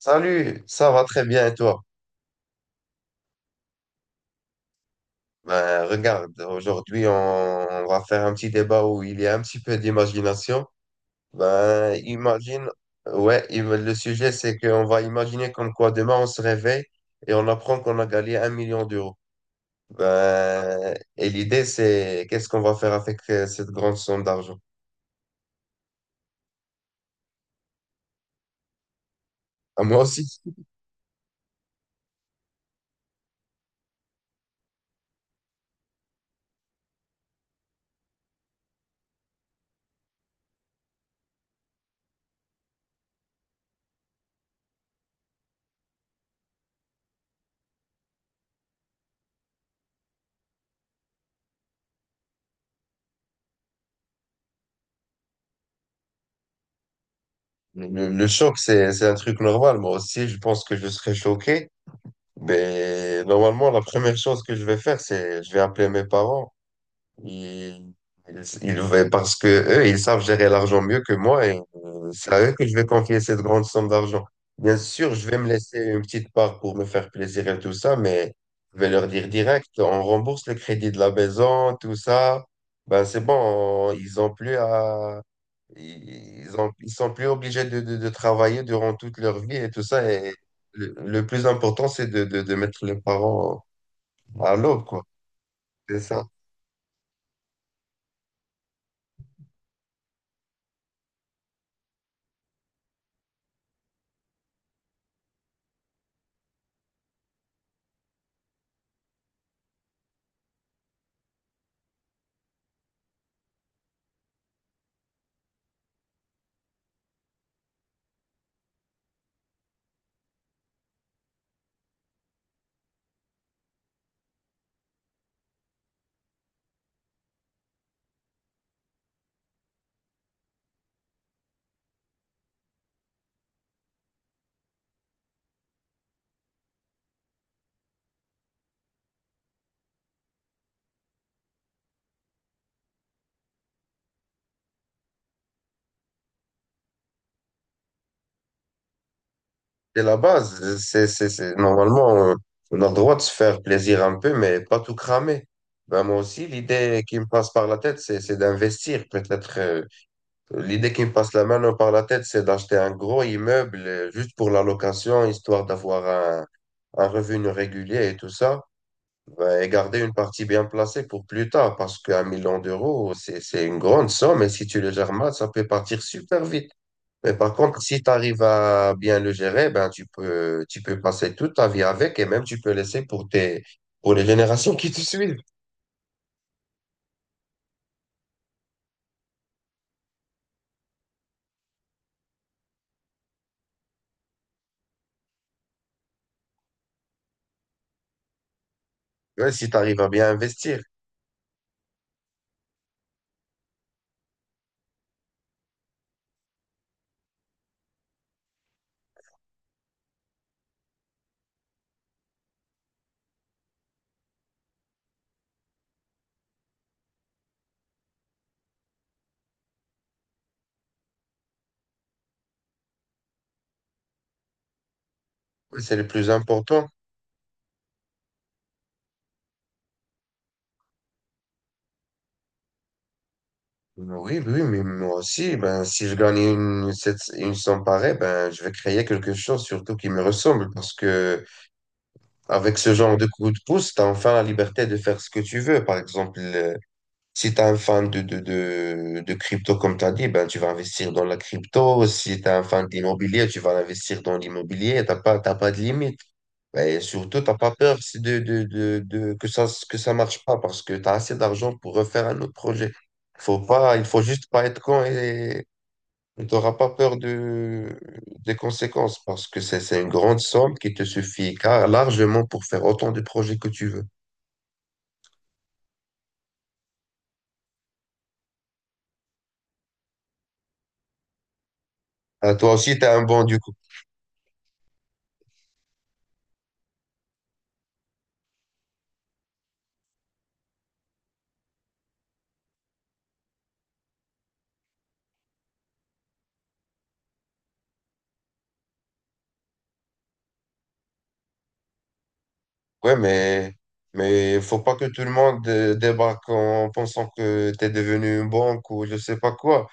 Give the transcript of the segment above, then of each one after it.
Salut, ça va très bien et toi? Ben, regarde, aujourd'hui on va faire un petit débat où il y a un petit peu d'imagination. Ben, imagine, ouais, le sujet c'est qu'on va imaginer comme quoi demain on se réveille et on apprend qu'on a gagné un million d'euros. Ben, et l'idée c'est qu'est-ce qu'on va faire avec cette grande somme d'argent? Ah, moi aussi, le choc c'est un truc normal. Moi aussi, je pense que je serais choqué. Mais normalement, la première chose que je vais faire, c'est je vais appeler mes parents. Ils, ils, Parce que eux, ils savent gérer l'argent mieux que moi et c'est à eux que je vais confier cette grande somme d'argent. Bien sûr, je vais me laisser une petite part pour me faire plaisir et tout ça, mais je vais leur dire direct, on rembourse le crédit de la maison, tout ça. Ben, c'est bon, ils ont plus à, ils sont plus obligés de travailler durant toute leur vie et tout ça. Et le plus important, c'est de mettre les parents à l'aube, quoi. C'est ça. C'est la base. Normalement, on a le droit de se faire plaisir un peu, mais pas tout cramer. Ben, moi aussi, l'idée qui me passe par la tête, c'est d'investir. Peut-être, l'idée qui me passe la main par la tête, c'est d'acheter un gros immeuble juste pour la location, histoire d'avoir un, un revenu régulier et tout ça. Ben, et garder une partie bien placée pour plus tard, parce qu'un million d'euros, c'est une grande somme, et si tu le gères mal, ça peut partir super vite. Mais par contre, si tu arrives à bien le gérer, ben tu peux passer toute ta vie avec et même tu peux laisser pour tes, pour les générations qui te suivent. Ouais, si tu arrives à bien investir, ouais, c'est le plus important. Oui, oui, mais moi aussi, ben si je gagne une somme pareille, ben je vais créer quelque chose surtout qui me ressemble parce que avec ce genre de coup de pouce, tu as enfin la liberté de faire ce que tu veux. Par exemple, si tu es un fan de crypto, comme tu as dit, ben, tu vas investir dans la crypto. Si tu es un fan d'immobilier, tu vas investir dans l'immobilier. T'as pas de limite. Et surtout, t'as pas peur si que ça marche pas parce que tu as assez d'argent pour refaire un autre projet. Faut pas, il faut juste pas être con et tu n'auras pas peur de, des conséquences parce que c'est une grande somme qui te suffit car largement pour faire autant de projets que tu veux. Ah, toi aussi, tu es un bon du coup. Ouais, mais faut pas que tout le monde débarque en pensant que tu es devenu une banque ou je sais pas quoi.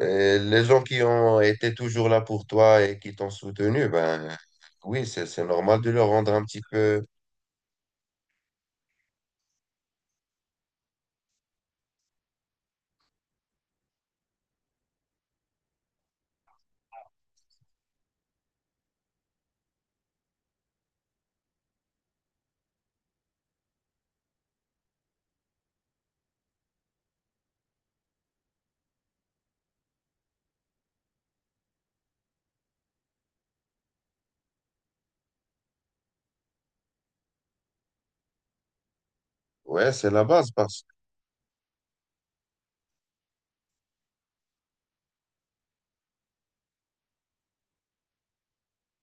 Les gens qui ont été toujours là pour toi et qui t'ont soutenu, ben oui, c'est normal de leur rendre un petit peu. Ouais, c'est la base parce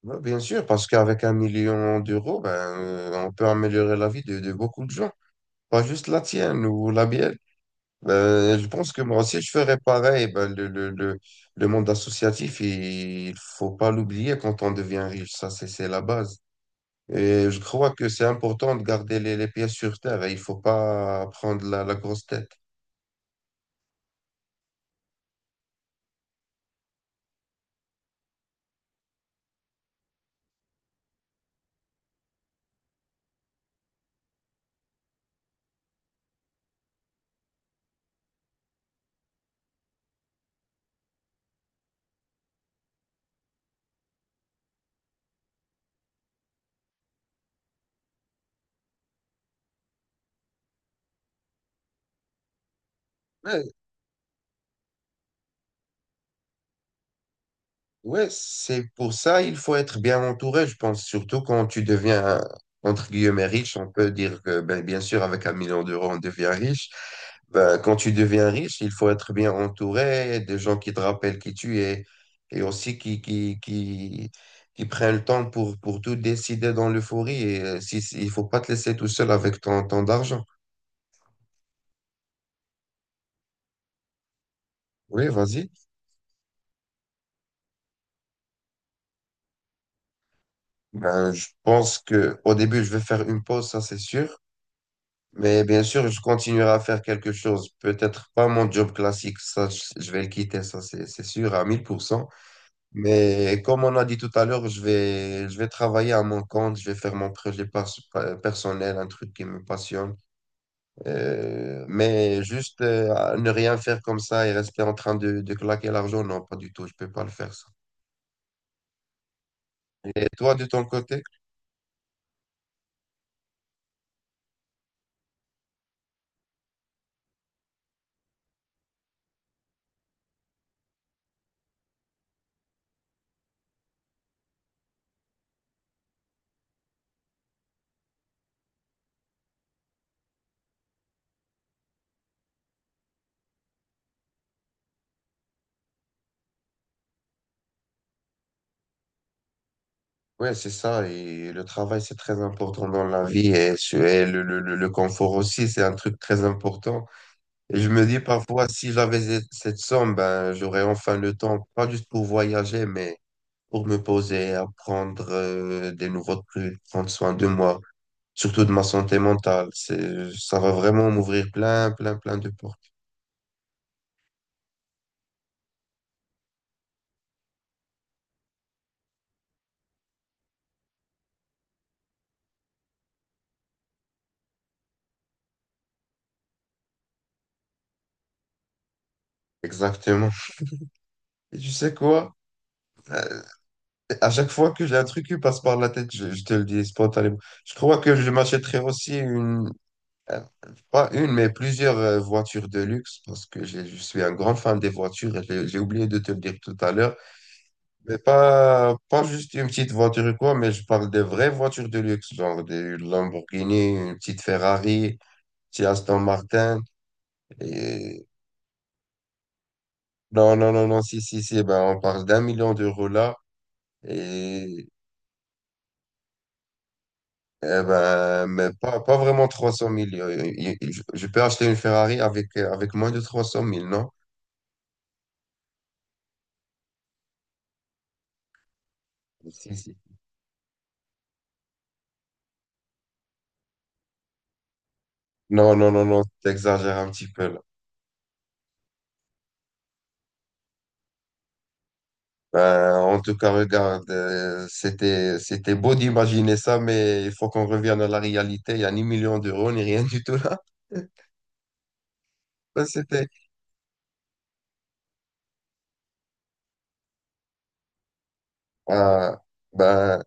ouais, bien sûr parce qu'avec un million d'euros, ben on peut améliorer la vie de beaucoup de gens, pas juste la tienne ou la mienne. Je pense que moi aussi, je ferais pareil. Ben, le monde associatif, il faut pas l'oublier quand on devient riche. Ça, c'est la base. Et je crois que c'est important de garder les pieds sur terre et il faut pas prendre la, la grosse tête. Ouais, c'est pour ça il faut être bien entouré, je pense, surtout quand tu deviens, entre guillemets, riche. On peut dire que, ben, bien sûr, avec un million d'euros, on devient riche. Ben, quand tu deviens riche, il faut être bien entouré des gens qui te rappellent qui tu es et aussi qui prennent le temps pour tout décider dans l'euphorie. Et il faut pas te laisser tout seul avec ton, ton d'argent. Oui, vas-y. Ben, je pense que au début, je vais faire une pause, ça c'est sûr. Mais bien sûr, je continuerai à faire quelque chose. Peut-être pas mon job classique, ça, je vais le quitter, ça, c'est sûr, à mille pour cent. Mais comme on a dit tout à l'heure, je vais travailler à mon compte, je vais faire mon personnel, un truc qui me passionne. Mais juste à ne rien faire comme ça et rester en train de claquer l'argent, non, pas du tout, je peux pas le faire, ça. Et toi, de ton côté? Oui, c'est ça. Et le travail, c'est très important dans la vie et, et le confort aussi, c'est un truc très important. Et je me dis parfois, si j'avais cette somme, ben, j'aurais enfin le temps, pas juste pour voyager, mais pour me poser, apprendre des nouveaux trucs, prendre soin de moi, surtout de ma santé mentale. C'est, ça va vraiment m'ouvrir plein de portes. Exactement. Et tu sais quoi? Euh, à chaque fois que j'ai un truc qui passe par la tête, je te le dis spontanément, je crois que je m'achèterais aussi une, euh, pas une, mais plusieurs voitures de luxe, parce que je suis un grand fan des voitures. Et j'ai oublié de te le dire tout à l'heure. Mais pas, pas juste une petite voiture ou quoi, mais je parle des vraies voitures de luxe, genre des Lamborghini, une petite Ferrari, une petite Aston Martin. Et... non, non, non, non, si, si, si, ben, on parle d'un million d'euros là. Et eh ben, mais pas, pas vraiment 300 000. Je peux acheter une Ferrari avec, avec moins de trois cent mille non? Si, si, non, non, non, non, t'exagères un petit peu là. Ben, en tout cas, regarde, c'était beau d'imaginer ça, mais il faut qu'on revienne à la réalité. Il n'y a ni million d'euros, ni rien du tout là. Ben, c'était, ah, ben,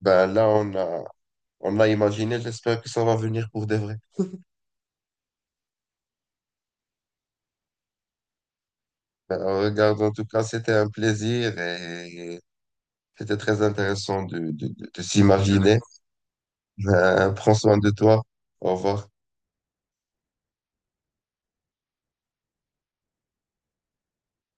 ben, là, on a imaginé. J'espère que ça va venir pour de vrai. Ben, regarde, en tout cas, c'était un plaisir et c'était très intéressant de s'imaginer. Ben, prends soin de toi. Au revoir.